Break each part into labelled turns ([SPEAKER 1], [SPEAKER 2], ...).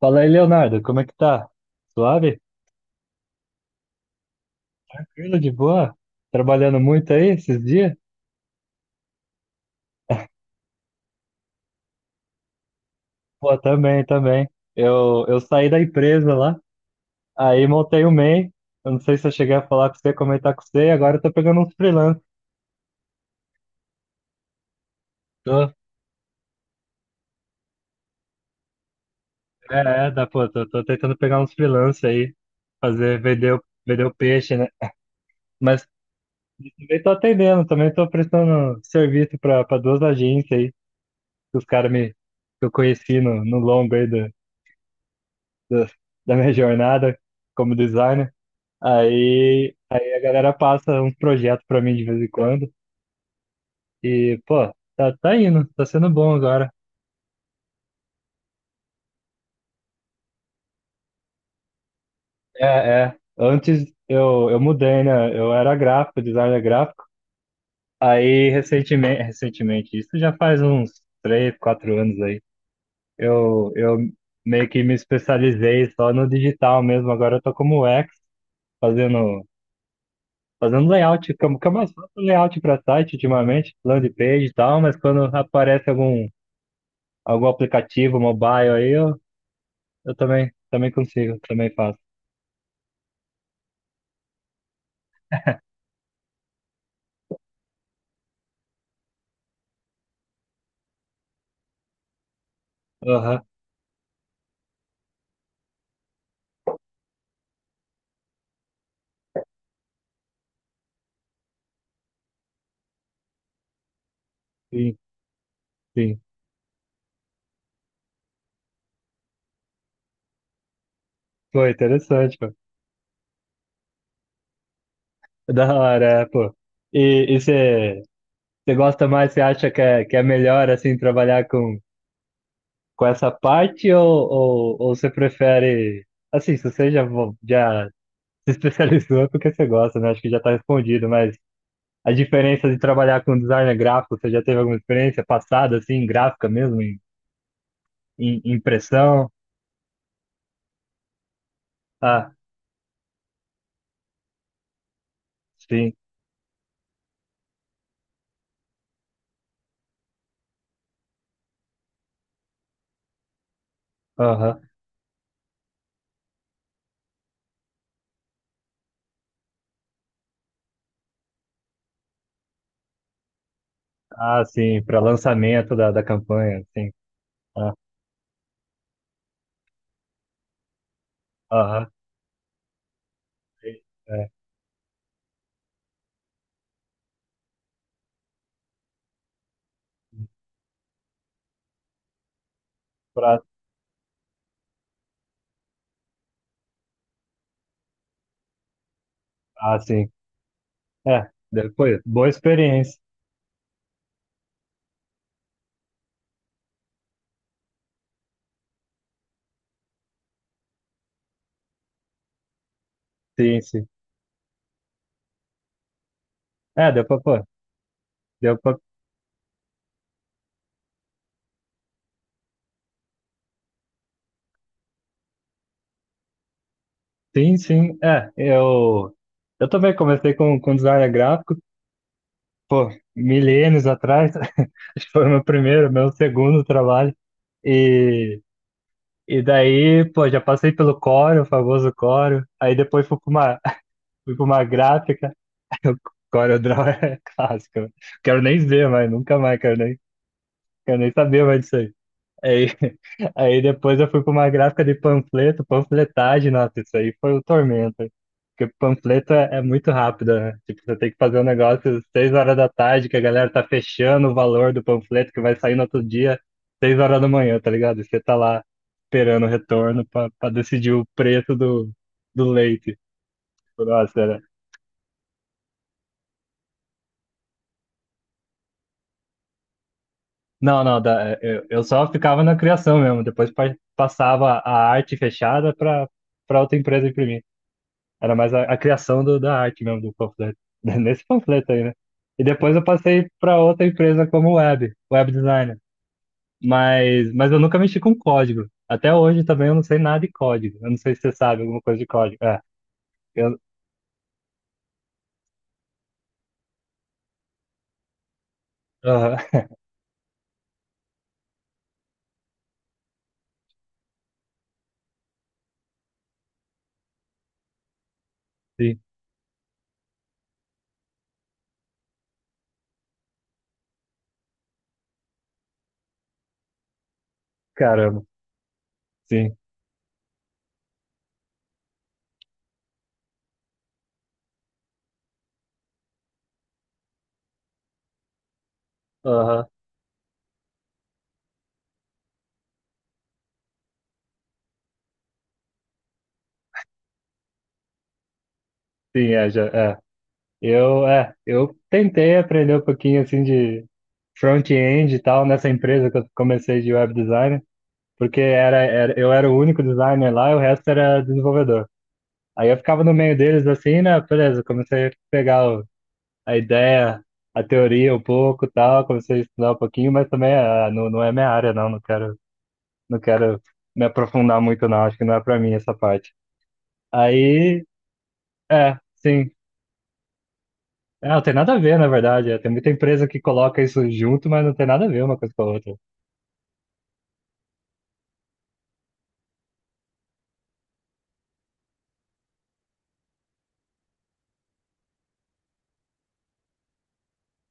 [SPEAKER 1] Fala aí, Leonardo, como é que tá? Suave? Tranquilo, de boa? Trabalhando muito aí esses dias? Pô, também, também. Eu saí da empresa lá, aí montei o MEI. Eu não sei se eu cheguei a falar com você, comentar com você, e agora eu tô pegando uns freelance. Tô, é, é, dá, pô, tô, tô tentando pegar uns freelance aí, fazer, vender, vender o peixe, né? Mas também tô atendendo, também tô prestando serviço pra duas agências aí, que os caras me, que eu conheci no longo aí da, da minha jornada como designer. Aí a galera passa uns projetos pra mim de vez em quando. E, pô, tá, tá indo, tá sendo bom agora. É, é. Antes eu, mudei, né? Eu era gráfico, designer gráfico. Aí recentemente, recentemente, isso já faz uns três, quatro anos aí. Eu meio que me especializei só no digital mesmo. Agora eu tô como UX, fazendo fazendo layout, fica mais fácil o layout para site ultimamente, landing page e tal, mas quando aparece algum, algum aplicativo mobile aí, eu também, também consigo, também faço. Aham, sim, sim. Pô, interessante, pô. É, da hora, é, pô. E você gosta mais, você acha que é melhor, assim, trabalhar com essa parte ou você prefere, assim, se você já, já se especializou é porque você gosta, né? Acho que já tá respondido, mas a diferença de trabalhar com designer gráfico, você já teve alguma experiência passada, assim, gráfica mesmo, em, em impressão? Ah, sim, aham. Ah, sim, para lançamento da campanha, sim. Ah, aham, sim, é, pra, ah, sim. É, depois, boa experiência. Sim, sim. É, deu pra, pô, deu pra, sim, sim. É, eu também comecei com design gráfico, pô, milênios atrás. Acho que foi o meu primeiro, meu segundo trabalho. E daí, pô, já passei pelo Corel, o famoso Corel. Aí depois fui pra uma, fui pra uma gráfica. O Corel Draw é clássico, né? Quero nem ver mais, nunca mais, quero nem saber mais disso aí. Aí, aí depois eu fui para uma gráfica de panfleto, panfletagem, nossa, isso aí foi o tormento. Porque panfleto é muito rápido, né? Tipo, você tem que fazer um negócio às seis horas da tarde, que a galera tá fechando o valor do panfleto, que vai sair no outro dia, seis horas da manhã, tá ligado? E você tá lá esperando o retorno para decidir o preço do leite. Tipo, nossa, era... Não, não, da- eu, só ficava na criação mesmo, depois passava a arte fechada para outra empresa imprimir. Era mais a criação do, da arte mesmo, do panfleto. Nesse panfleto aí, né? E depois eu passei para outra empresa como web, web designer. Mas eu nunca mexi com código. Até hoje também eu não sei nada de código. Eu não sei se você sabe alguma coisa de código. É, eu, aham, sim, caramba, sim, aham, sim, é, já, é. Eu, é, eu tentei aprender um pouquinho assim de front-end e tal nessa empresa que eu comecei de web designer, porque era, eu era o único designer lá e o resto era desenvolvedor. Aí eu ficava no meio deles assim, né? Beleza, comecei a pegar a ideia, a teoria um pouco, e tal, comecei a estudar um pouquinho, mas também ah, não, não é minha área, não, não quero, não quero me aprofundar muito, não, acho que não é pra mim essa parte. Aí, é, sim. É, não tem nada a ver, na verdade, é, tem muita empresa que coloca isso junto, mas não tem nada a ver uma coisa com a outra.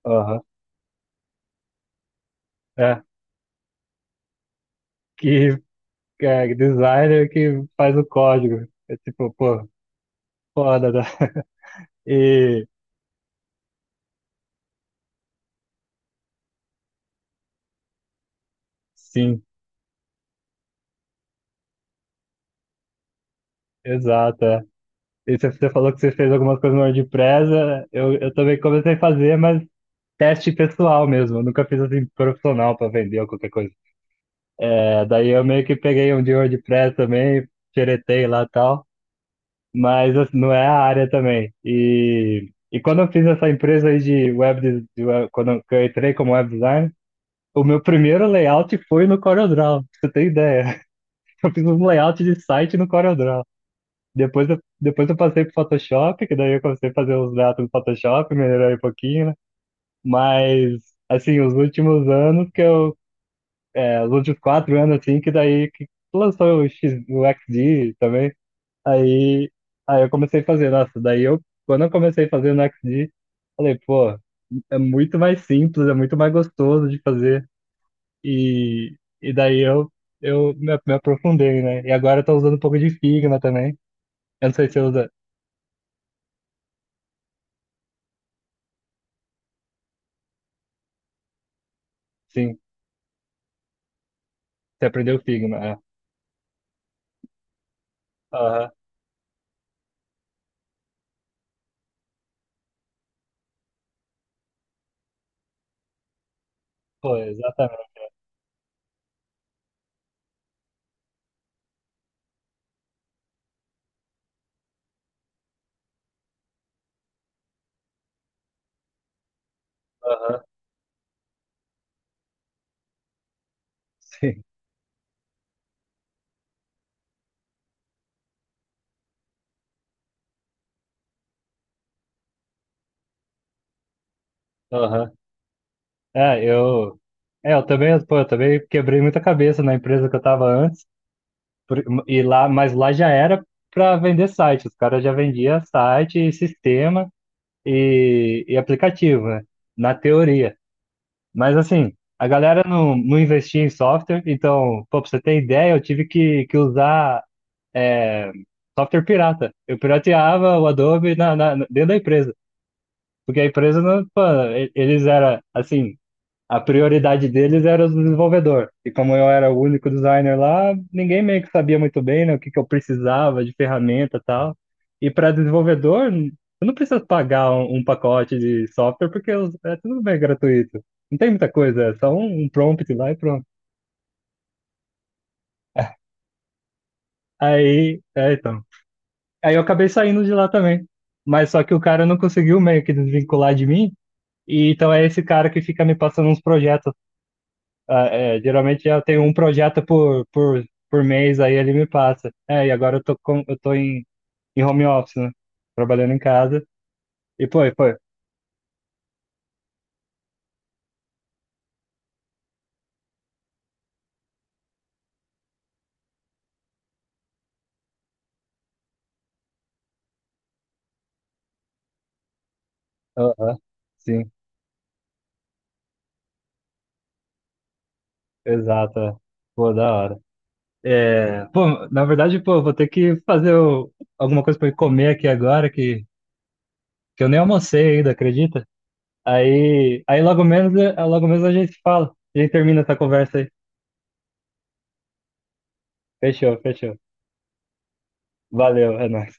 [SPEAKER 1] Aham. É, que é, designer que faz o código. É tipo, pô, foda, né? E sim. Exato, é. E você falou que você fez algumas coisas no WordPress, é, eu, também comecei a fazer, mas teste pessoal mesmo. Eu nunca fiz assim profissional para vender ou qualquer coisa. É, daí eu meio que peguei um de WordPress também, xeretei lá e tal, mas assim, não é a área também. E quando eu fiz essa empresa aí de web, de quando eu que eu entrei como web designer, o meu primeiro layout foi no CorelDRAW, pra você ter ideia. Eu fiz um layout de site no CorelDRAW. Depois eu passei pro Photoshop, que daí eu comecei a fazer os gatos no Photoshop, melhorei um pouquinho, né? Mas, assim, os últimos anos que eu. É, os últimos quatro anos, assim, que daí que lançou o, X, o XD também. Aí, aí eu comecei a fazer. Nossa, daí eu. Quando eu comecei a fazer no XD, falei, pô, é muito mais simples, é muito mais gostoso de fazer. E daí eu me, me aprofundei, né? E agora eu tô usando um pouco de Figma também. Eu não sei se você usa. Sim. Você aprendeu Figma, é. Aham, pô, exatamente. Aham, sim. Aham. É, eu. É, eu também, pô, eu também quebrei muita cabeça na empresa que eu tava antes. Por- E lá, mas lá já era para vender site. Os caras já vendiam site, e sistema e aplicativo, né? Na teoria. Mas assim, a galera não, não investia em software, então, pô, pra você ter ideia, eu tive que usar é, software pirata. Eu pirateava o Adobe na, dentro da empresa. Porque a empresa, pô, e- eles era assim, a prioridade deles era o desenvolvedor. E como eu era o único designer lá, ninguém meio que sabia muito bem, né, o que que eu precisava de ferramenta e tal. E para desenvolvedor, n- eu não preciso pagar um, um pacote de software porque é tudo bem gratuito. Não tem muita coisa, é só um, um prompt lá e pronto. Aí, é, então. Aí eu acabei saindo de lá também. Mas só que o cara não conseguiu meio que desvincular de mim. E então é esse cara que fica me passando uns projetos ah, é, geralmente eu tenho um projeto por mês, aí ele me passa. É, e agora eu tô, com, eu tô em, em home office, né? Trabalhando em casa. E pô, e, pô. Aham, sim, exato, é. Pô, da hora. É, pô, na verdade, pô, vou ter que fazer alguma coisa pra eu comer aqui agora, que eu nem almocei ainda, acredita? Aí, aí logo menos, é, logo menos a gente fala. A gente termina essa conversa aí. Fechou, fechou. Valeu, é nóis.